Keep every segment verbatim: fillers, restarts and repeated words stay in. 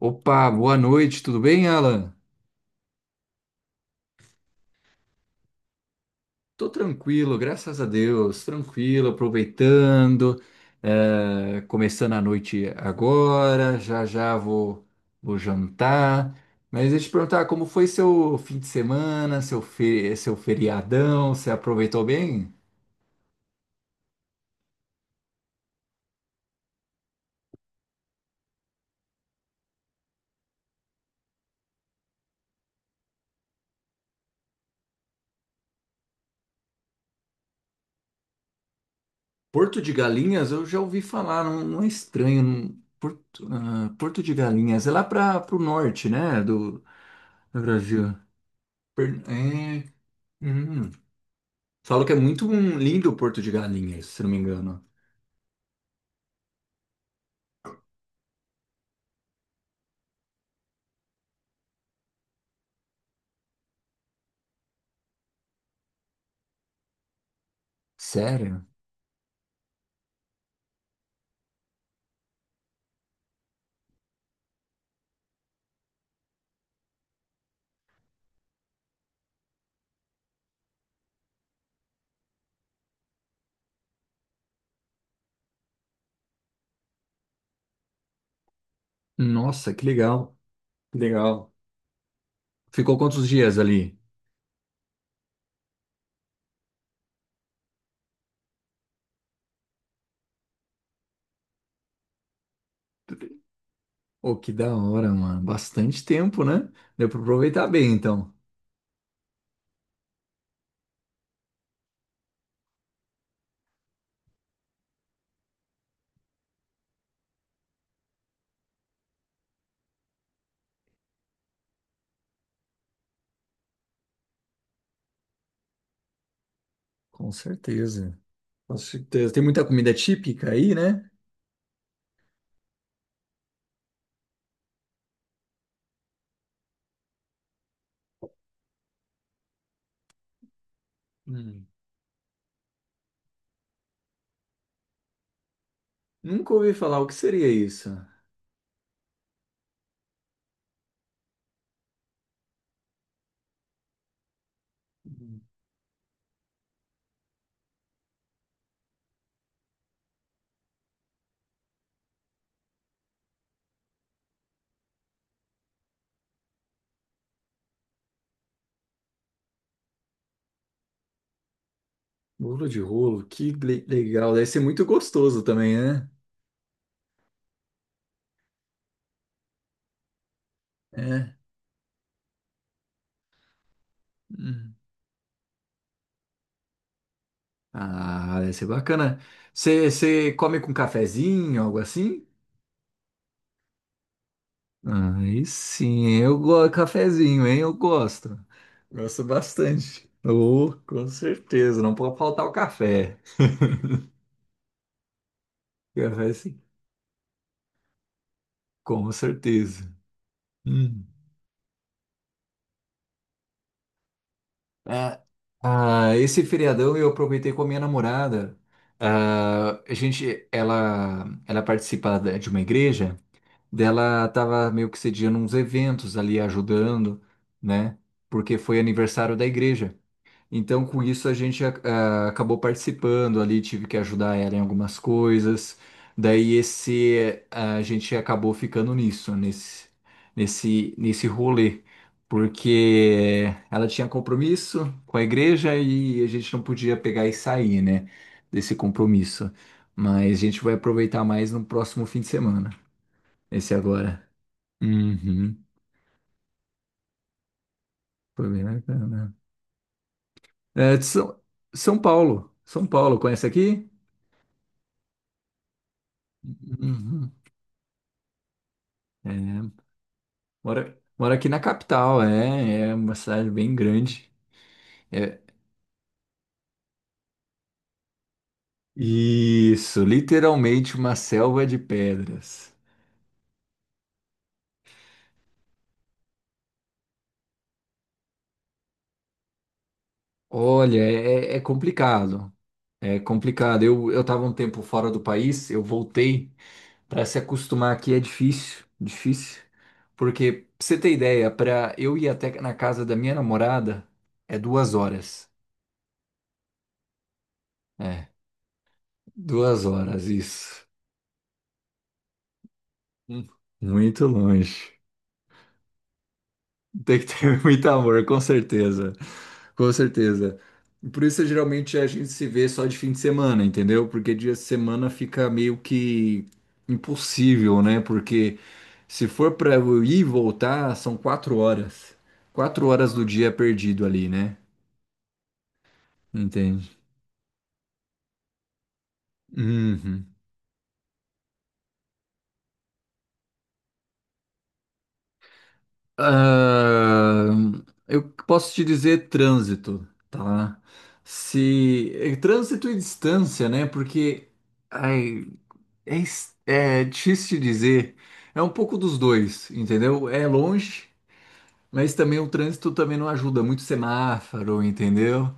Opa, boa noite, tudo bem, Alan? Tô tranquilo, graças a Deus, tranquilo, aproveitando, eh, começando a noite agora, já já vou, vou jantar. Mas deixa eu te perguntar, como foi seu fim de semana, seu, fe- seu feriadão, você aproveitou bem? Porto de Galinhas, eu já ouvi falar, não, não é estranho. não- Porto, ah, Porto de Galinhas, é lá para o norte, né, do, do Brasil. Per- É, uhum. Falam que é muito um lindo o Porto de Galinhas, se não me engano. Sério? Nossa, que legal. Que legal. Ficou quantos dias ali? Oh, que da hora, mano. Bastante tempo, né? Deu pra aproveitar bem, então. Com certeza. Com certeza. Tem muita comida típica aí, né? Hum. Nunca ouvi falar o que seria isso. Hum. Bolo de rolo, que le- legal. Deve ser muito gostoso também, né? É. Hum. Ah, deve ser bacana. Você você come com cafezinho, algo assim? Aí sim, eu gosto cafezinho, hein? Eu gosto. Gosto bastante. Oh, com certeza, não pode faltar o café. Café sim, com certeza. Hum. Ah, ah, esse feriadão eu aproveitei com a minha namorada. Ah, a gente, ela, ela participa da- de uma igreja, dela tava meio que sediando uns eventos ali, ajudando, né? Porque foi aniversário da igreja. Então, com isso, a gente ac- ah, acabou participando ali, tive que ajudar ela em algumas coisas. Daí, esse, a gente acabou ficando nisso, nesse, nesse, nesse rolê, porque ela tinha compromisso com a igreja e a gente não podia pegar e sair, né, desse compromisso. Mas a gente vai aproveitar mais no próximo fim de semana, esse agora. Uhum, foi bem bacana. É, de São, São Paulo, São Paulo, conhece aqui? Uhum. É, moro, moro aqui na capital, é, é uma cidade bem grande. É, isso, literalmente uma selva de pedras. Olha, é, é é complicado, é complicado. Eu, eu estava um tempo fora do país, eu voltei. Para se acostumar aqui é difícil, difícil. Porque, pra você ter ideia, para eu ir até na casa da minha namorada é duas horas. É, duas horas, isso. Hum. Muito longe. Tem que ter muito amor, com certeza. Com certeza. Por isso, geralmente, a gente se vê só de fim de semana, entendeu? Porque dia de semana fica meio que impossível, né? Porque se for pra eu ir e voltar, são quatro horas. Quatro horas do dia perdido ali, né? Entende? Uhum. Ah, eu posso te dizer trânsito, tá? Se é trânsito e distância, né? Porque ai, é, es- é difícil de dizer. É um pouco dos dois, entendeu? É longe, mas também o trânsito também não ajuda. Muito semáforo, entendeu?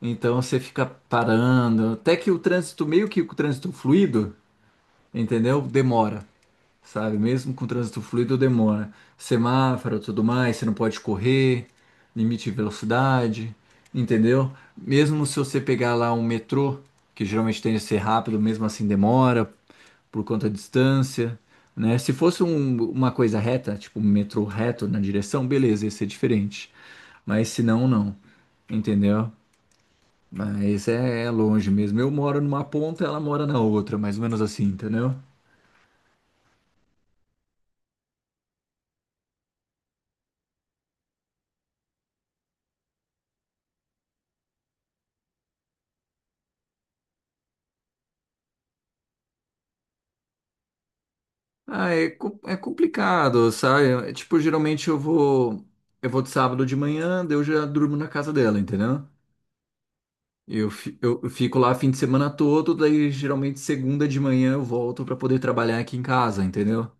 Então você fica parando. Até que o trânsito, meio que o trânsito fluido, entendeu? Demora, sabe? Mesmo com o trânsito fluido, demora. Semáforo, tudo mais, você não pode correr, limite de velocidade, entendeu? Mesmo se você pegar lá um metrô, que geralmente tem que ser rápido, mesmo assim demora por conta da distância, né? Se fosse um- uma coisa reta, tipo um metrô reto na direção, beleza, ia ser diferente. Mas se não, não. Entendeu? Mas é, é longe mesmo. Eu moro numa ponta, ela mora na outra, mais ou menos assim, entendeu? Ah, é, co- é complicado, sabe? É, tipo, geralmente eu vou. Eu vou de sábado de manhã, daí eu já durmo na casa dela, entendeu? Eu, fi- eu eu fico lá fim de semana todo, daí geralmente segunda de manhã eu volto pra poder trabalhar aqui em casa, entendeu?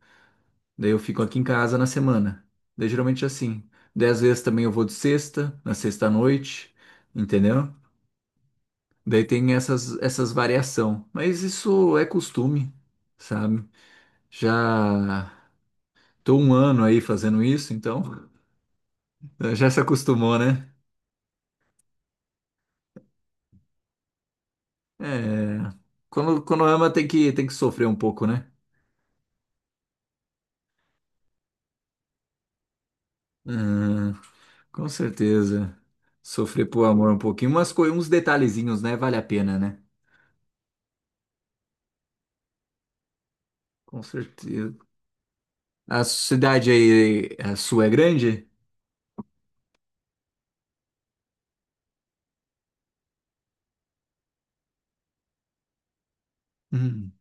Daí eu fico aqui em casa na semana. Daí geralmente é assim. Daí às vezes também eu vou de sexta, na sexta à noite, entendeu? Daí tem essas, essas variação. Mas isso é costume, sabe? Já tô um ano aí fazendo isso, então já se acostumou, né? É. Quando, quando ama tem que, tem que sofrer um pouco, né? Hum, com certeza. Sofrer por amor um pouquinho. Umas, coi- uns detalhezinhos, né? Vale a pena, né? Com certeza. A cidade aí, a sua é grande? Hum.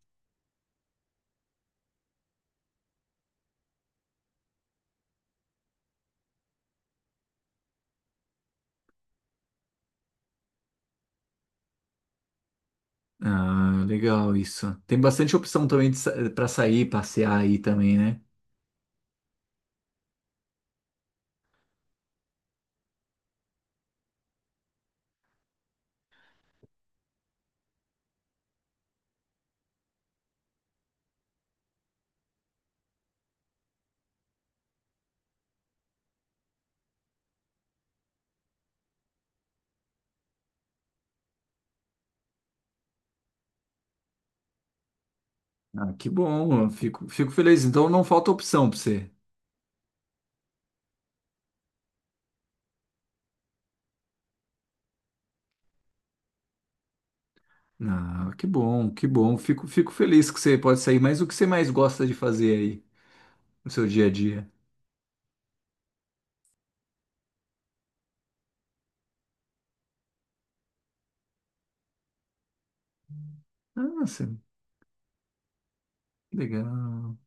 Ah, legal isso. Tem bastante opção também para sair, passear aí também, né? Ah, que bom, eu fico, fico feliz. Então não falta opção para você. Ah, que bom, que bom. Fico, fico feliz que você pode sair. Mas o que você mais gosta de fazer aí no seu dia a dia? Nossa, que legal.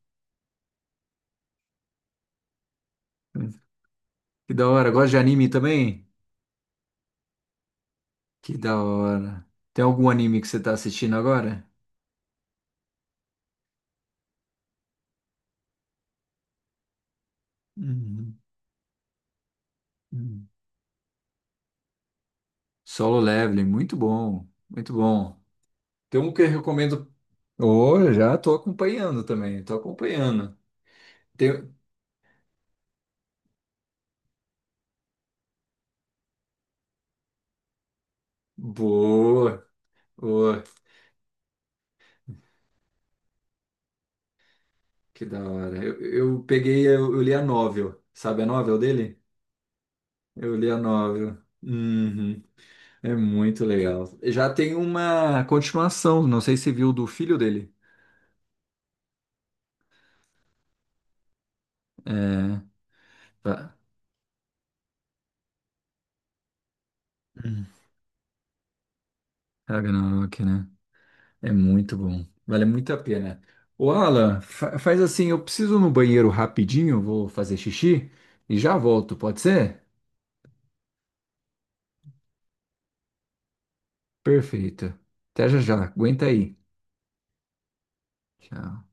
Que da hora. Gosta de anime também? Que da hora. Tem algum anime que você tá assistindo agora? Uhum. Solo Leveling, muito bom, muito bom. Tem um que eu recomendo. Oh, já tô acompanhando também, tô acompanhando. Tem... Boa, boa, que da hora. Eu, eu peguei, eu, eu li a novel, sabe a novel dele? Eu li a novel. Uhum. É muito legal. Já tem uma continuação, não sei se viu do filho dele. É. Tá. Hum. Ragnarok, né? É muito bom. Vale muito a pena. Ô, Alan, fa- faz assim, eu preciso ir no banheiro rapidinho, vou fazer xixi e já volto, pode ser? Perfeito. Até já já. Aguenta aí. Tchau.